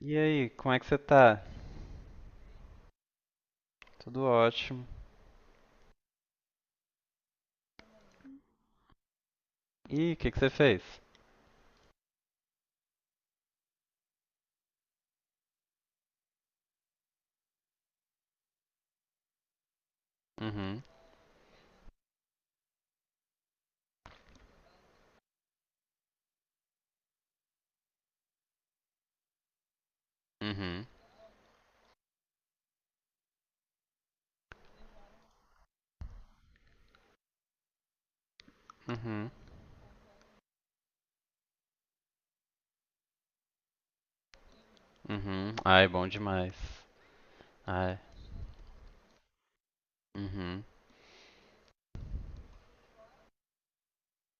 E aí, como é que você tá? Tudo ótimo. Ih, o que que você fez? Uhum, uhum, uhum, uhum. Ai, bom demais. Ai, uhum.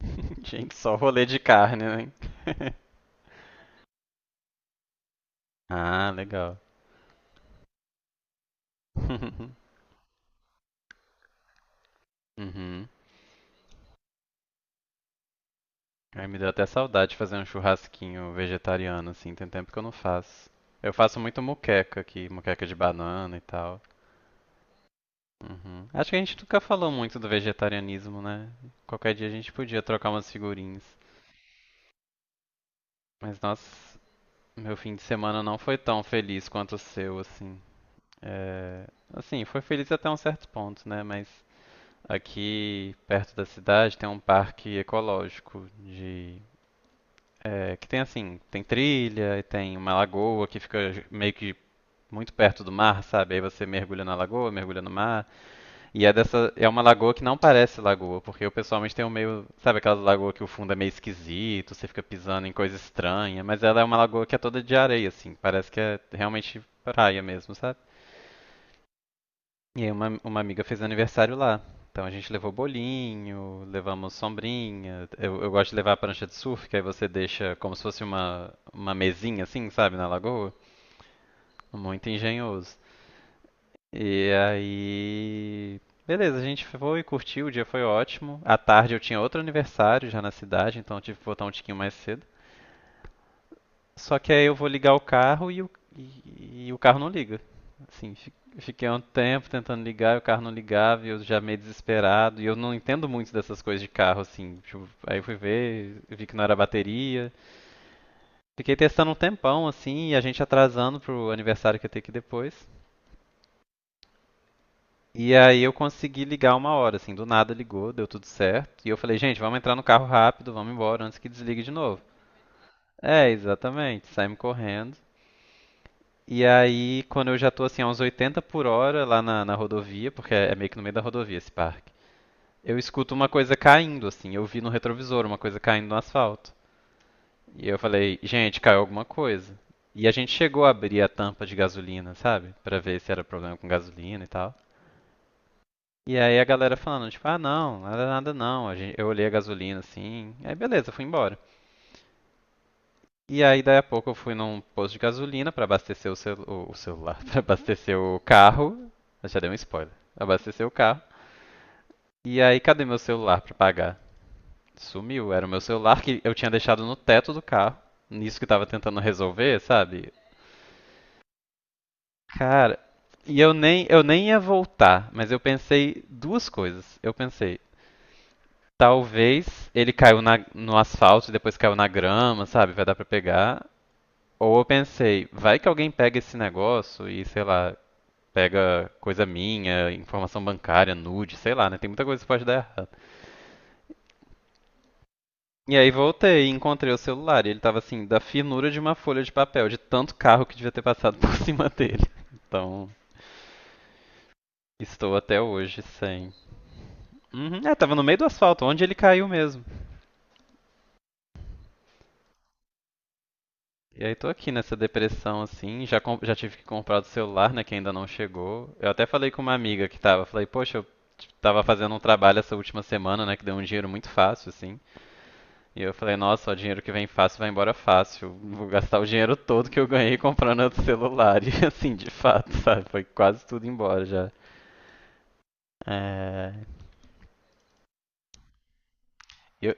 Gente, só rolê de carne, né? Ah, legal. Uhum. Ai, me deu até saudade de fazer um churrasquinho vegetariano, assim, tem tempo que eu não faço. Eu faço muito muqueca aqui, muqueca de banana e tal. Uhum. Acho que a gente nunca falou muito do vegetarianismo, né? Qualquer dia a gente podia trocar umas figurinhas. Mas nossa, meu fim de semana não foi tão feliz quanto o seu, assim. É, assim, foi feliz até um certo ponto, né? Mas aqui perto da cidade tem um parque ecológico de é, que tem assim, tem trilha e tem uma lagoa que fica meio que muito perto do mar, sabe? Aí você mergulha na lagoa, mergulha no mar. E é dessa, é uma lagoa que não parece lagoa, porque eu pessoalmente tenho meio, sabe aquelas lagoas que o fundo é meio esquisito, você fica pisando em coisa estranha, mas ela é uma lagoa que é toda de areia, assim, parece que é realmente praia mesmo, sabe? E aí uma amiga fez aniversário lá. Então a gente levou bolinho, levamos sombrinha. Eu gosto de levar a prancha de surf, que aí você deixa como se fosse uma mesinha assim, sabe, na lagoa. Muito engenhoso. E aí, beleza, a gente foi, curtiu, o dia foi ótimo. À tarde eu tinha outro aniversário já na cidade, então eu tive que voltar um tiquinho mais cedo. Só que aí eu vou ligar o carro e o carro não liga. Assim, fiquei um tempo tentando ligar, e o carro não ligava, e eu já meio desesperado. E eu não entendo muito dessas coisas de carro, assim, tipo, aí eu fui ver, vi que não era bateria. Fiquei testando um tempão, assim, e a gente atrasando pro aniversário que ia ter que ir depois. E aí eu consegui ligar uma hora, assim, do nada ligou, deu tudo certo. E eu falei, gente, vamos entrar no carro rápido, vamos embora antes que desligue de novo. É, exatamente, saímos correndo. E aí, quando eu já tô assim, a uns 80 por hora lá na rodovia, porque é meio que no meio da rodovia esse parque, eu escuto uma coisa caindo, assim, eu vi no retrovisor uma coisa caindo no asfalto. E eu falei, gente, caiu alguma coisa. E a gente chegou a abrir a tampa de gasolina, sabe? Pra ver se era problema com gasolina e tal. E aí a galera falando, tipo, ah não, nada nada não. Eu olhei a gasolina assim, aí beleza, fui embora. E aí daí a pouco eu fui num posto de gasolina pra abastecer o celular, pra abastecer o carro. Eu já dei um spoiler. Abastecer o carro. E aí cadê meu celular pra pagar? Sumiu, era o meu celular que eu tinha deixado no teto do carro. Nisso que eu tava tentando resolver, sabe? Cara, e eu nem ia voltar, mas eu pensei duas coisas. Eu pensei, talvez ele caiu no asfalto e depois caiu na grama, sabe? Vai dar pra pegar. Ou eu pensei, vai que alguém pega esse negócio e, sei lá, pega coisa minha, informação bancária, nude, sei lá, né? Tem muita coisa que pode dar errado. E aí voltei e encontrei o celular. E ele tava assim, da finura de uma folha de papel, de tanto carro que devia ter passado por cima dele. Então, estou até hoje sem. Uhum, é, tava no meio do asfalto, onde ele caiu mesmo. E aí tô aqui nessa depressão assim, já, já tive que comprar do celular, né, que ainda não chegou. Eu até falei com uma amiga que tava, falei, poxa, eu tava fazendo um trabalho essa última semana, né, que deu um dinheiro muito fácil, assim. E eu falei, nossa, o dinheiro que vem fácil vai embora fácil. Vou gastar o dinheiro todo que eu ganhei comprando outro celular. E assim, de fato, sabe? Foi quase tudo embora já. É... Eu...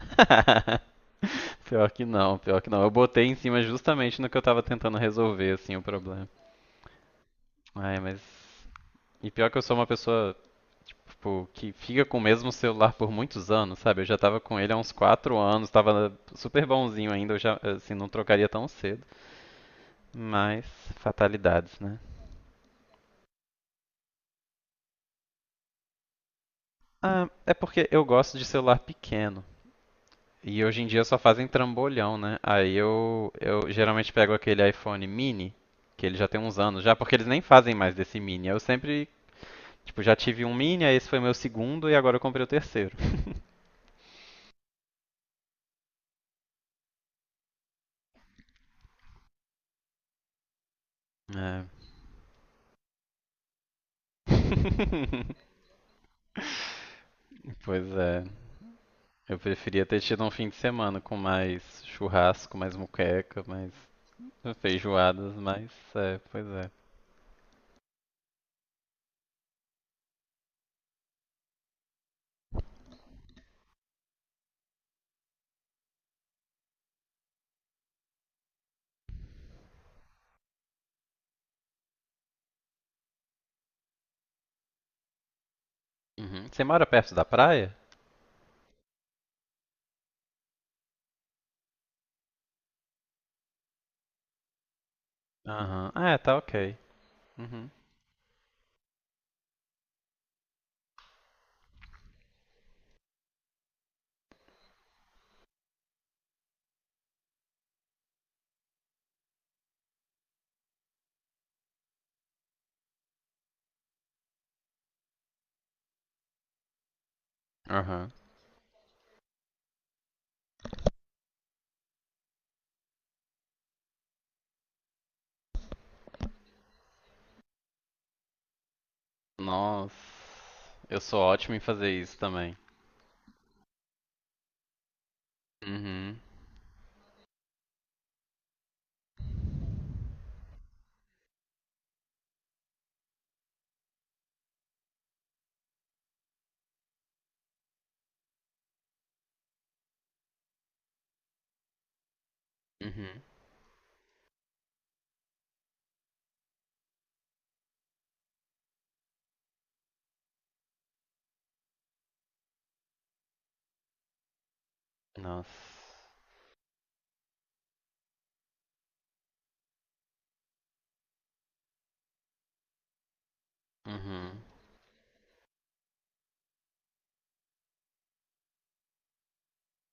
Pior que não, pior que não. Eu botei em cima justamente no que eu tava tentando resolver, assim, o problema. Ai, mas e pior que eu sou uma pessoa, tipo, que fica com o mesmo celular por muitos anos, sabe? Eu já tava com ele há uns quatro anos, tava super bonzinho ainda, eu já, assim, não trocaria tão cedo. Mas, fatalidades, né? Ah, é porque eu gosto de celular pequeno. E hoje em dia só fazem trambolhão, né? Aí eu geralmente pego aquele iPhone mini, que ele já tem uns anos já, porque eles nem fazem mais desse mini. Eu sempre, tipo, já tive um mini, aí esse foi meu segundo e agora eu comprei o terceiro. É. Pois é. Eu preferia ter tido um fim de semana com mais churrasco, mais muqueca, mais feijoadas, mas é, pois é. Uhum. Você mora perto da praia? Aham. Ah, é, tá ok. Uhum. Aham. Nossa. Eu sou ótimo em fazer isso também. Uhum. Uhum. Nossa. Uhum.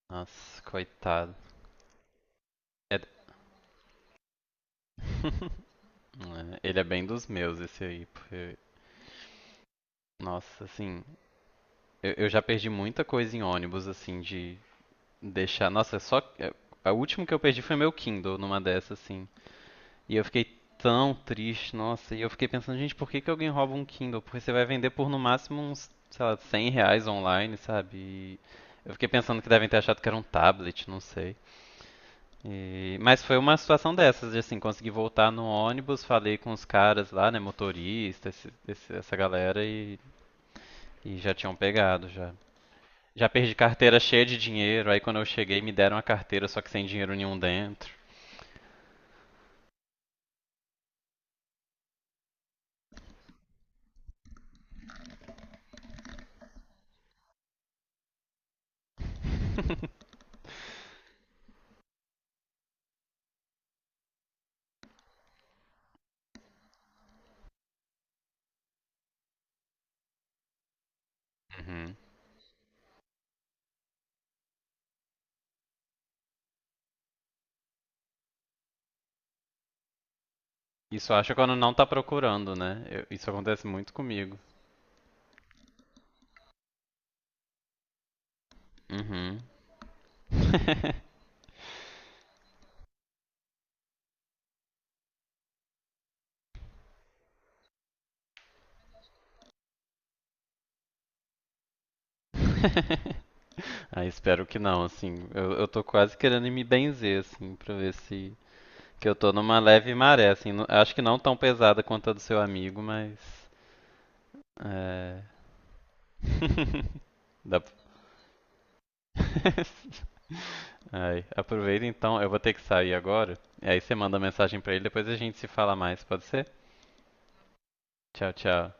Nossa, coitado. É... É, ele é bem dos meus, esse aí, porque. Nossa, assim. Eu já perdi muita coisa em ônibus, assim, de deixar. Nossa, só. A última que eu perdi foi meu Kindle numa dessas, assim. E eu fiquei tão triste, nossa. E eu fiquei pensando, gente, por que que alguém rouba um Kindle? Porque você vai vender por no máximo uns, sei lá, 100 reais online, sabe? E eu fiquei pensando que devem ter achado que era um tablet, não sei. Mas foi uma situação dessas, de assim, consegui voltar no ônibus, falei com os caras lá, né, motorista, essa galera, e já tinham pegado já. Já perdi carteira cheia de dinheiro, aí quando eu cheguei me deram a carteira só que sem dinheiro nenhum dentro. Uhum. Isso eu acho quando não tá procurando, né? Isso acontece muito comigo. Uhum. Ah, espero que não, assim. Eu tô quase querendo me benzer, assim, pra ver se. Que eu tô numa leve maré, assim. Acho que não tão pesada quanto a do seu amigo, mas. É. Dá Ai, aproveita então, eu vou ter que sair agora. E aí você manda mensagem pra ele, depois a gente se fala mais, pode ser? Tchau, tchau.